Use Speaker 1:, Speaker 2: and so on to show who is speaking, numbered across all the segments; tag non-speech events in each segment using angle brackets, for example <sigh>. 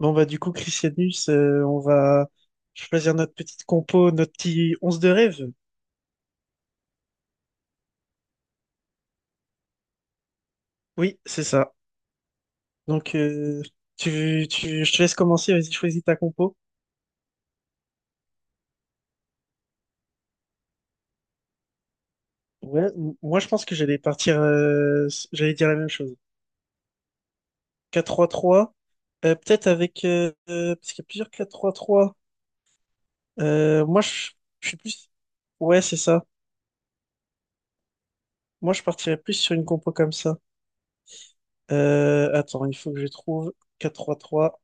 Speaker 1: Bon, bah, du coup, Christianus, on va choisir notre petite compo, notre petit 11 de rêve. Oui, c'est ça. Donc, tu, je te laisse commencer, vas-y, choisis ta compo. Ouais, moi, je pense que j'allais partir, j'allais dire la même chose. 4-3-3, peut-être avec, parce qu'il y a plusieurs quatre trois trois. Moi, je suis plus, ouais, c'est ça. Moi, je partirais plus sur une compo comme ça. Attends, il faut que je trouve 4-3-3.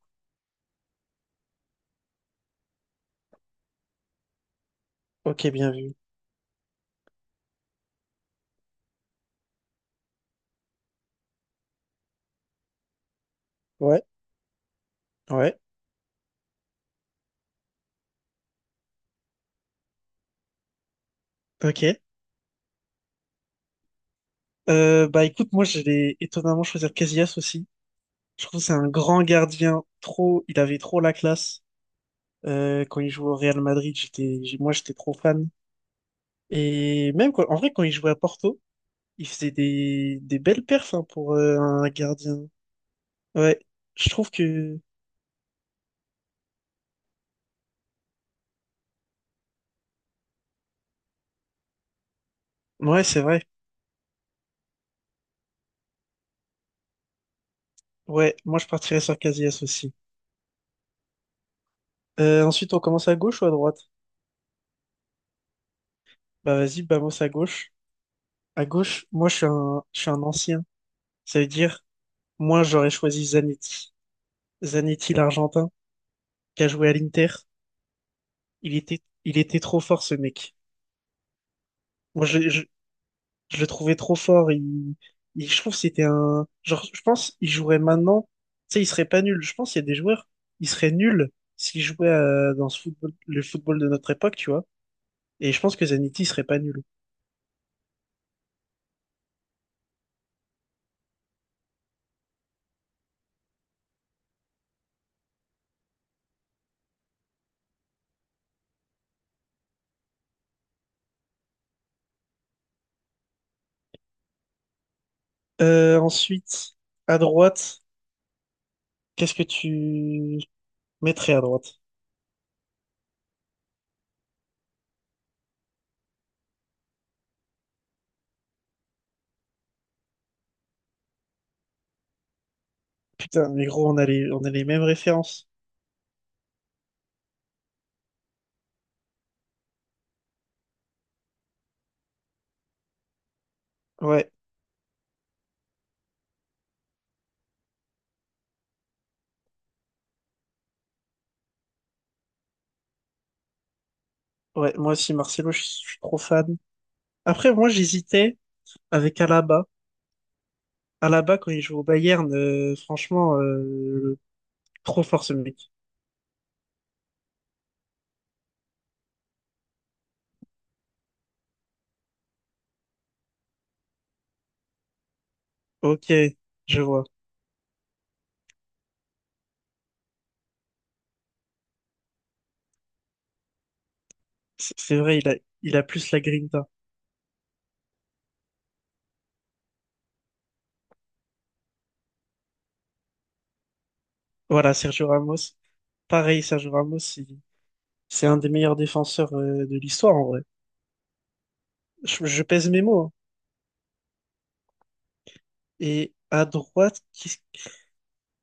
Speaker 1: Ok, bien vu. Ouais, ouais, ok. Bah écoute, moi je vais étonnamment choisir Casillas aussi. Je trouve que c'est un grand gardien, trop, il avait trop la classe. Quand il jouait au Real Madrid, j'étais, moi j'étais trop fan. Et même en vrai, quand il jouait à Porto, il faisait des belles perfs hein, pour un gardien. Ouais, je trouve que, ouais, c'est vrai. Ouais, moi je partirais sur Casillas aussi. Ensuite, on commence à gauche ou à droite? Bah vas-y, Bamos à gauche. À gauche, moi je suis un ancien. Ça veut dire, moi j'aurais choisi Zanetti. Zanetti, l'Argentin, qui a joué à l'Inter. Il était trop fort, ce mec. Moi, je le trouvais trop fort. Je trouve que c'était un. Genre, je pense il jouerait maintenant. Tu sais, il serait pas nul. Je pense qu'il y a des joueurs, ils seraient nuls s'ils jouaient dans ce football, le football de notre époque, tu vois. Et je pense que Zanetti serait pas nul. Ensuite, à droite, qu'est-ce que tu mettrais à droite? Putain, mais gros, on a les mêmes références. Ouais, ouais, moi aussi, Marcelo, je suis trop fan. Après, moi, j'hésitais avec Alaba. Alaba, quand il joue au Bayern, franchement, trop fort ce mec. Ok, je vois. C'est vrai, il a plus la grinta. Voilà, Sergio Ramos. Pareil, Sergio Ramos, c'est un des meilleurs défenseurs de l'histoire, en vrai. Je pèse mes mots, hein. Et à droite,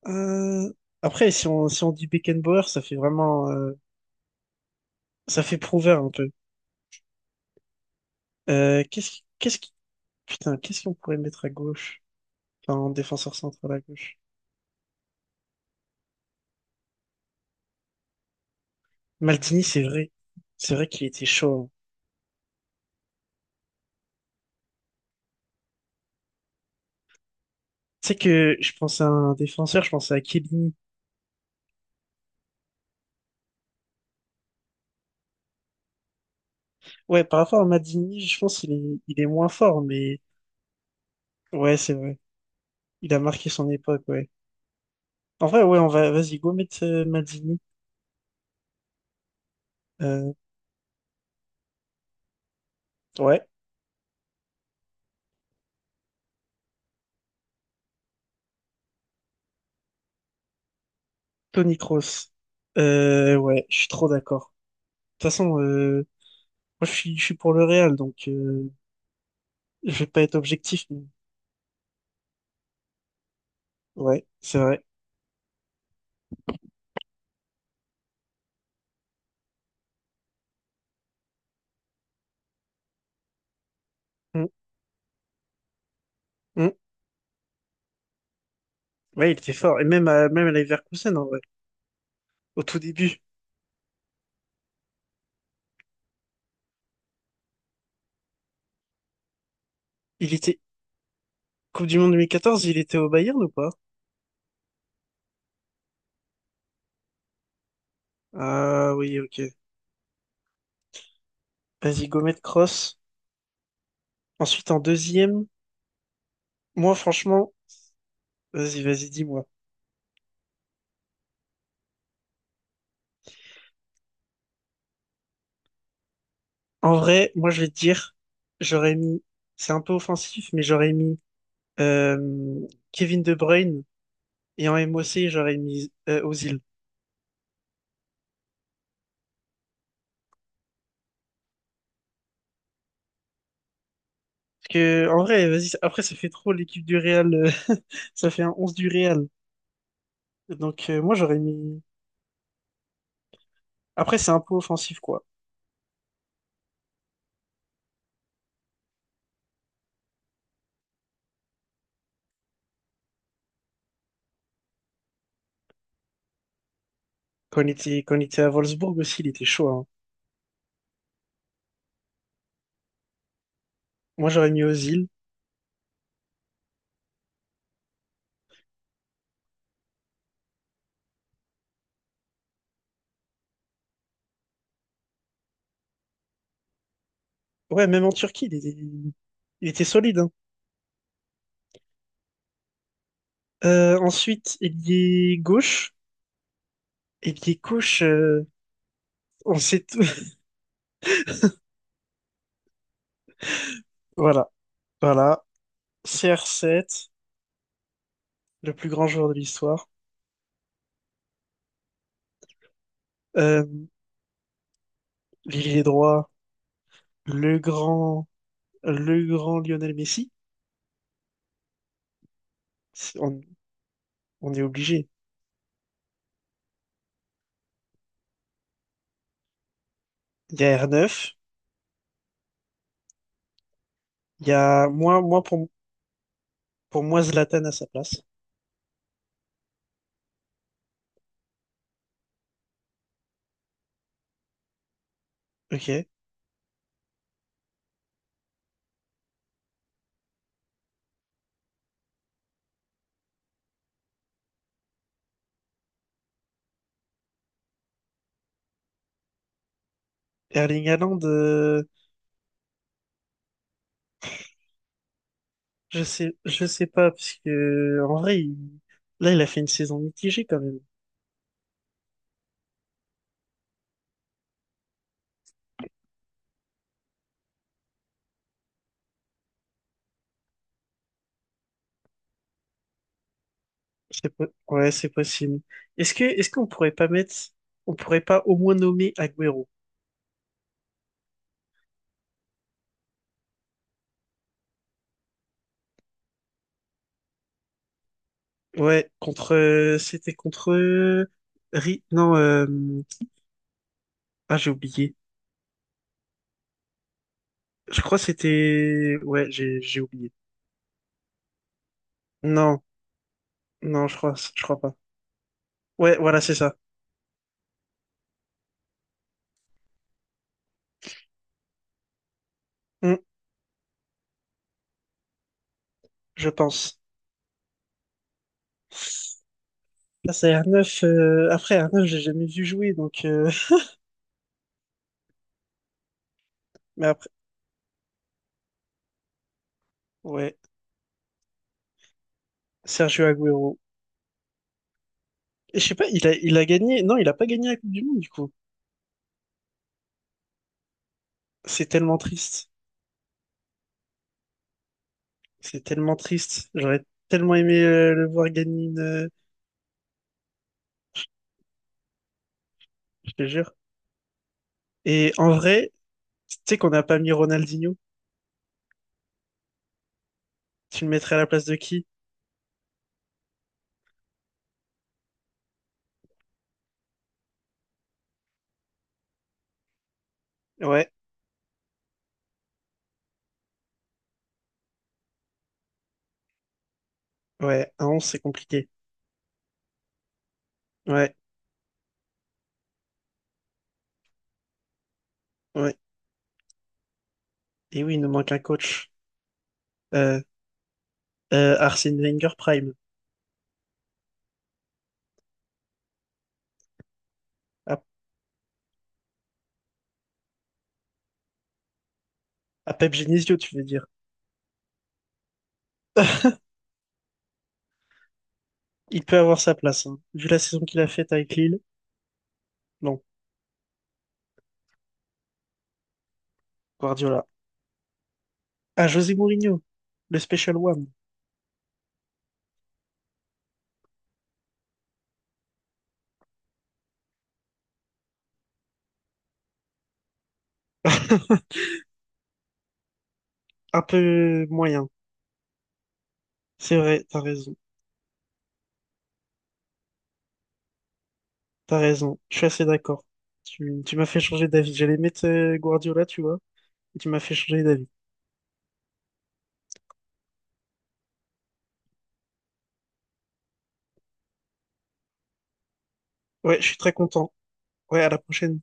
Speaker 1: euh, si on, dit Beckenbauer, ça fait vraiment, ça fait prouveur un peu. Euh, qu'est-ce qui- qu'est-ce qui... Putain, qu'est-ce qu'on pourrait mettre à gauche? Enfin, en défenseur central à gauche. Maldini, c'est vrai. C'est vrai qu'il était chaud, hein. Tu sais que je pense à un défenseur, je pense à Chiellini. Ouais, par rapport à Maldini, je pense qu'il est moins fort, mais ouais, c'est vrai. Il a marqué son époque, ouais. En vrai, ouais, on va, vas-y, go mettre Maldini. Euh, ouais. Toni Kroos. Ouais, je suis trop d'accord. De toute façon, moi, je suis pour le Real, donc je vais pas être objectif, mais ouais, c'est vrai. Mm, mm. Ouais, il était fort. Et même à Leverkusen, en vrai, au tout début. Il était, Coupe du Monde 2014, il était au Bayern ou pas? Ah oui, ok. Vas-y, Gomet Cross. Ensuite, en deuxième, moi, franchement, vas-y, vas-y, dis-moi. En vrai, moi, je vais te dire, j'aurais mis, c'est un peu offensif, mais j'aurais mis euh, Kevin De Bruyne et en MOC j'aurais mis Ozil. Parce que, en vrai, vas-y, après, ça fait trop l'équipe du Real, <laughs> ça fait un 11 du Real. Donc, moi, j'aurais mis. Après, c'est un peu offensif, quoi. Quand il était à Wolfsburg aussi, il était chaud, hein. Moi, j'aurais mis Ozil. Ouais, même en Turquie, il était solide, hein. Ensuite, ailier gauche. Ailier gauche, on sait tout. <laughs> Voilà, voilà. CR7, le plus grand joueur de l'histoire. Euh, L'ailier droit, le grand, le grand Lionel Messi. C'est- On, on est obligé. Il y a R9. Il y a pour moi Zlatan à sa place. Ok. Erling Haaland, je sais pas parce que en vrai, là, il a fait une saison mitigée quand même. Ouais, c'est possible. Est-ce qu'on pourrait pas au moins nommer Agüero? Ouais, contre c'était contre non, ah j'ai oublié. Je crois que c'était, ouais, j'ai oublié. Non, non, je crois pas. Ouais, voilà, c'est ça. Hmm, je pense. Là, c'est un neuf après un neuf, j'ai jamais vu jouer donc <laughs> mais après, ouais, Sergio Agüero. Et je sais pas, il a gagné. Non, il a pas gagné la Coupe du Monde du coup. C'est tellement triste. C'est tellement triste. J'aurais tellement aimé le voir gagner une, je te jure. Et en vrai, tu sais qu'on n'a pas mis Ronaldinho. Tu le mettrais à la place de qui? Ouais, ouais, à 11, c'est compliqué. Ouais, ouais. Et oui, il nous manque un coach. Euh, Arsène Wenger Prime. À, à Pep Genesio, tu veux dire. <laughs> Il peut avoir sa place, hein. Vu la saison qu'il a faite avec Lille. Non, Guardiola. À José Mourinho, le Special One. <laughs> Un peu moyen. C'est vrai, t'as raison. T'as raison, je suis assez d'accord. Tu m'as fait changer d'avis. J'allais mettre Guardiola, tu vois, et tu m'as fait changer d'avis. Ouais, je suis très content. Ouais, à la prochaine.